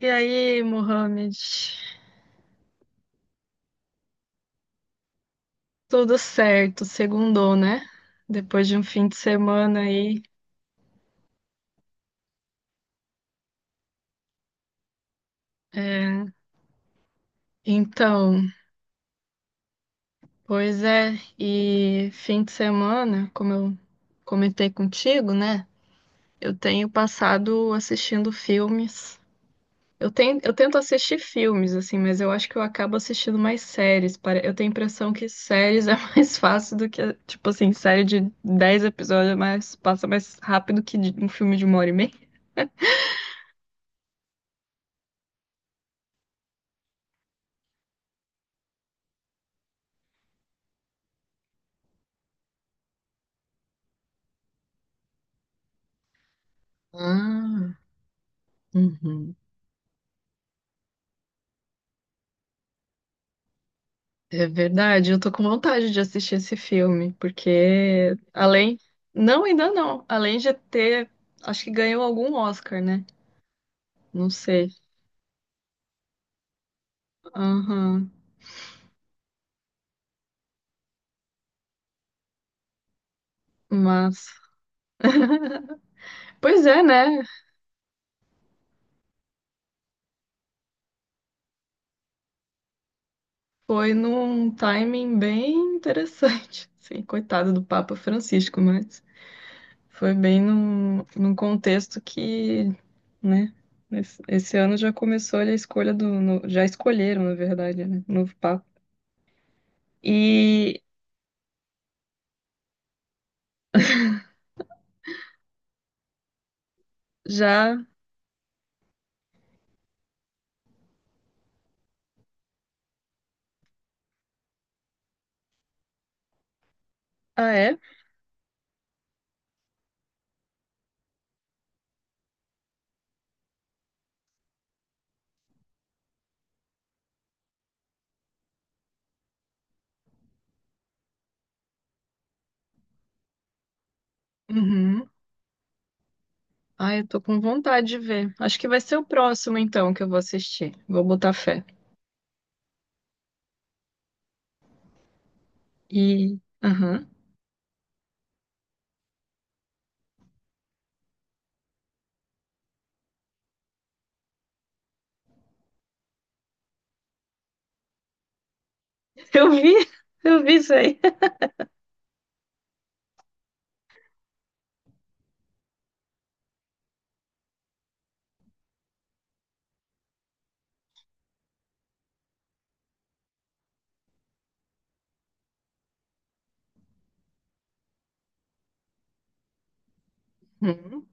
E aí, Mohamed? Tudo certo, segundou, né? Depois de um fim de semana aí. É. Então, pois é, e fim de semana, como eu comentei contigo, né? Eu tenho passado assistindo filmes. Eu tenho, eu tento assistir filmes, assim, mas eu acho que eu acabo assistindo mais séries. Eu tenho a impressão que séries é mais fácil do que, tipo assim, série de 10 episódios, mas passa mais rápido que um filme de uma hora e meia. Ah, uhum. É verdade, eu tô com vontade de assistir esse filme, porque além. Não, ainda não. Além de ter. Acho que ganhou algum Oscar, né? Não sei. Aham. Mas. Pois é, né? Foi num timing bem interessante. Sim, coitado do Papa Francisco, mas foi bem num contexto que, né? Esse ano já começou ali a escolha do. Já escolheram, na verdade, né? Novo Papa. E já. Ah, é? Uhum. Ai, eu tô com vontade de ver. Acho que vai ser o próximo, então, que eu vou assistir. Vou botar fé. E. Aham. Eu vi! Eu vi isso aí. Uhum.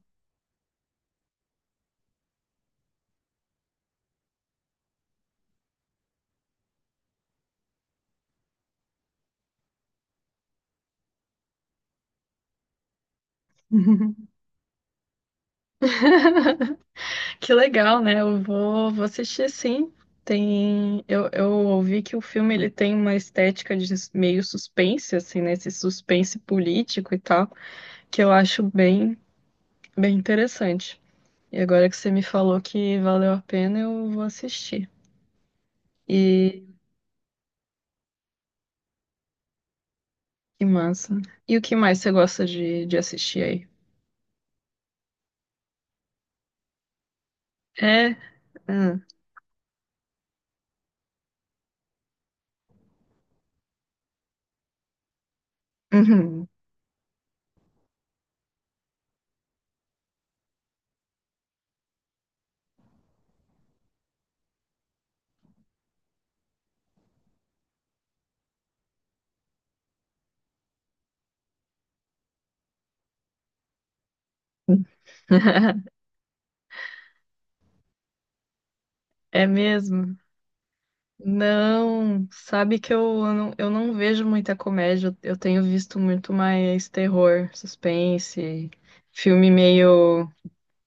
Que legal, né? Vou assistir sim. Eu ouvi que o filme ele tem uma estética de meio suspense, assim, né? Esse suspense político e tal, que eu acho bem interessante. E agora que você me falou que valeu a pena, eu vou assistir. E que massa. E o que mais você gosta de assistir aí? É? Ah, uhum. É mesmo? Não, sabe que eu não vejo muita comédia, eu tenho visto muito mais terror, suspense, filme meio.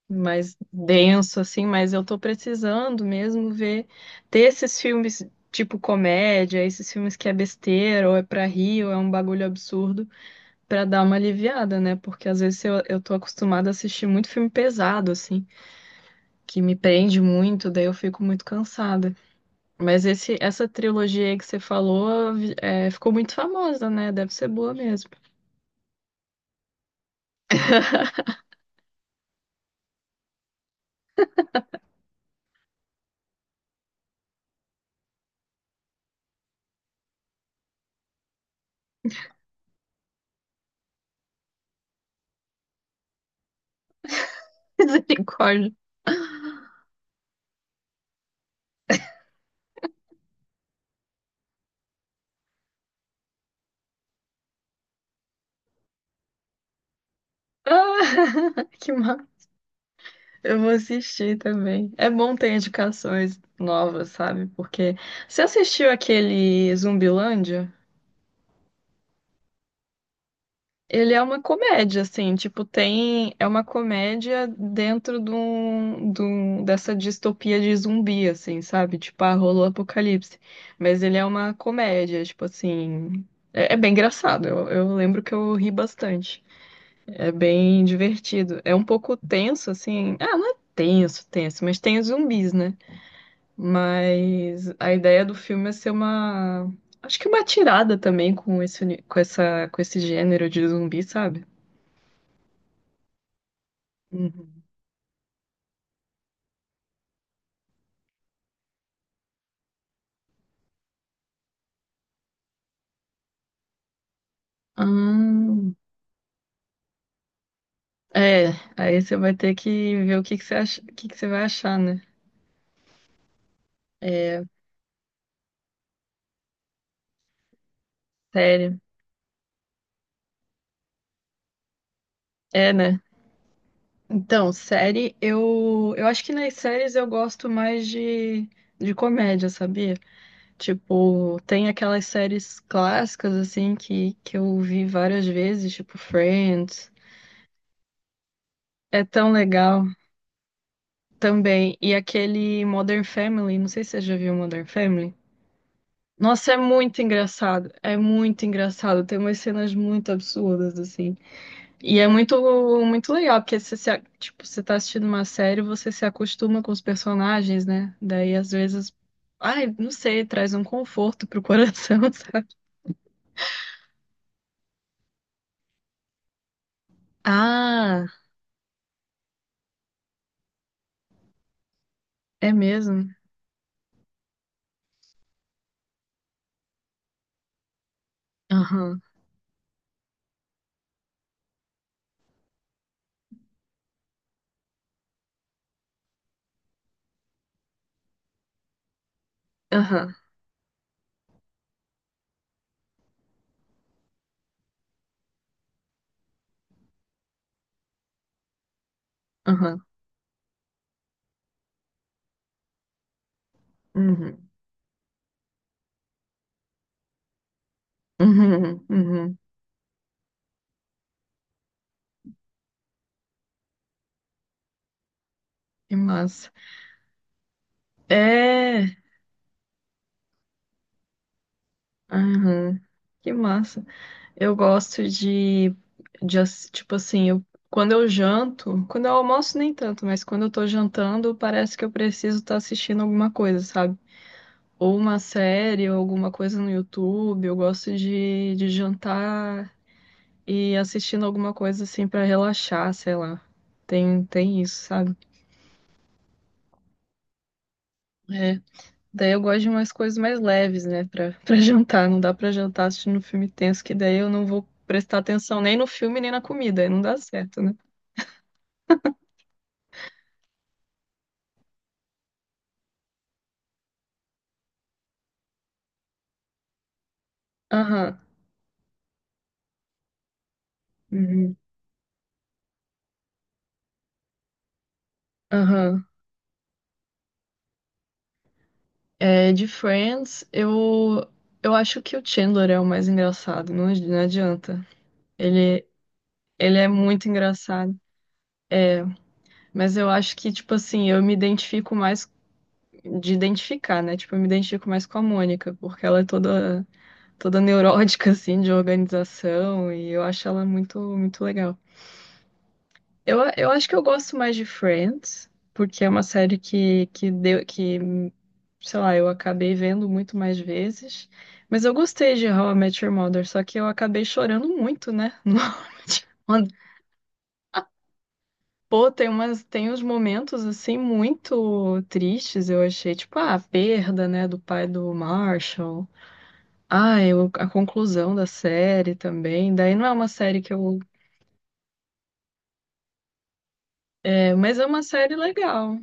Mais denso, assim, mas eu tô precisando mesmo ver, ter esses filmes tipo comédia, esses filmes que é besteira, ou é pra rir, ou é um bagulho absurdo, pra dar uma aliviada, né? Porque às vezes eu tô acostumada a assistir muito filme pesado, assim, que me prende muito, daí eu fico muito cansada. Mas essa trilogia aí que você falou, é, ficou muito famosa, né? Deve ser boa mesmo. Misericórdia. Ah, que mal. Eu vou assistir também. É bom ter indicações novas, sabe? Porque você assistiu aquele Zumbilândia? Ele é uma comédia, assim, tipo, tem. É uma comédia dentro de dessa distopia de zumbi, assim, sabe? Tipo, ah, rolou o apocalipse. Mas ele é uma comédia, tipo assim. É, é bem engraçado. Eu lembro que eu ri bastante. É bem divertido. É um pouco tenso, assim. Ah, não é tenso, tenso, mas tem os zumbis, né? Mas a ideia do filme é ser uma. Acho que uma tirada também com com com esse gênero de zumbi, sabe? Uhum. Hum, é, aí você vai ter que ver o que que você acha, o que que você vai achar, né? É, série. É, né? Então, série, eu acho que nas séries eu gosto mais de comédia, sabia? Tipo, tem aquelas séries clássicas, assim, que eu vi várias vezes, tipo Friends. É tão legal. Também. E aquele Modern Family, não sei se você já viu Modern Family. Nossa, é muito engraçado. É muito engraçado. Tem umas cenas muito absurdas, assim. E é muito legal, porque você, se, a- tipo, você tá assistindo uma série, você se acostuma com os personagens, né? Daí, às vezes, ai, não sei, traz um conforto pro coração, sabe? Ah, é mesmo? Aham, aham, aham. Uhum, uhum, uhum. Que massa. É, aham. Que massa. Eu gosto tipo assim, quando eu janto, quando eu almoço nem tanto, mas quando eu tô jantando, parece que eu preciso estar assistindo alguma coisa, sabe? Ou uma série, ou alguma coisa no YouTube. Eu gosto de jantar e assistindo alguma coisa assim pra relaxar, sei lá. Tem isso, sabe? É. Daí eu gosto de umas coisas mais leves, né, pra para jantar. Não dá pra jantar assistindo um filme tenso, que daí eu não vou prestar atenção nem no filme, nem na comida, aí não dá certo, né? Aham. Uhum. Aham. É, de Friends, eu acho que o Chandler é o mais engraçado, não, não adianta. Ele, ele é muito engraçado. Mas eu acho que, tipo assim, eu me identifico mais de identificar, né? Tipo, eu me identifico mais com a Mônica, porque ela é toda neurótica, assim, de organização, e eu acho ela muito legal. Eu acho que eu gosto mais de Friends, porque é uma série que sei lá, eu acabei vendo muito mais vezes. Mas eu gostei de How I Met Your Mother, só que eu acabei chorando muito, né? No How I Met Your Mother. Pô, tem uns momentos assim muito tristes, eu achei, tipo, ah, a perda, né, do pai do Marshall. Ah, eu, a conclusão da série também. Daí não é uma série que eu. É, mas é uma série legal.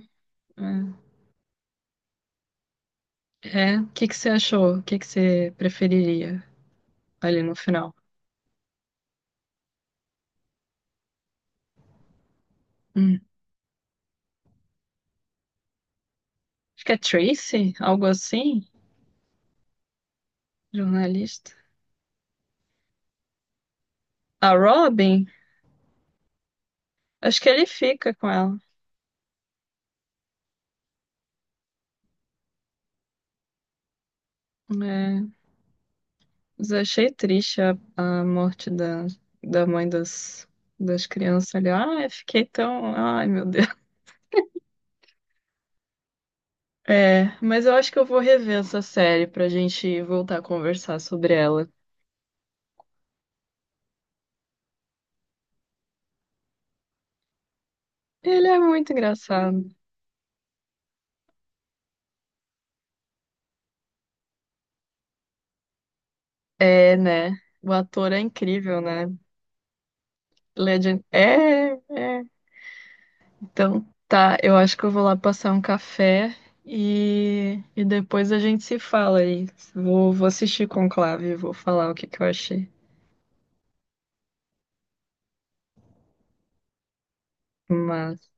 É. É. O que que você achou? O que que você preferiria ali no final? Hum. Acho que é Tracy, algo assim, jornalista. A Robin, acho que ele fica com ela. É, mas eu achei triste a morte da mãe das crianças ali. Ai, fiquei tão. Ai, meu Deus. É, mas eu acho que eu vou rever essa série pra gente voltar a conversar sobre ela. Ele é muito engraçado. É, né? O ator é incrível, né? Legend. É, é. Então, tá, eu acho que eu vou lá passar um café e depois a gente se fala aí. Vou assistir Conclave e vou falar o que que eu achei. Mas,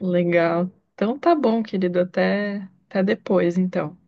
legal. Então tá bom, querido, até depois, então.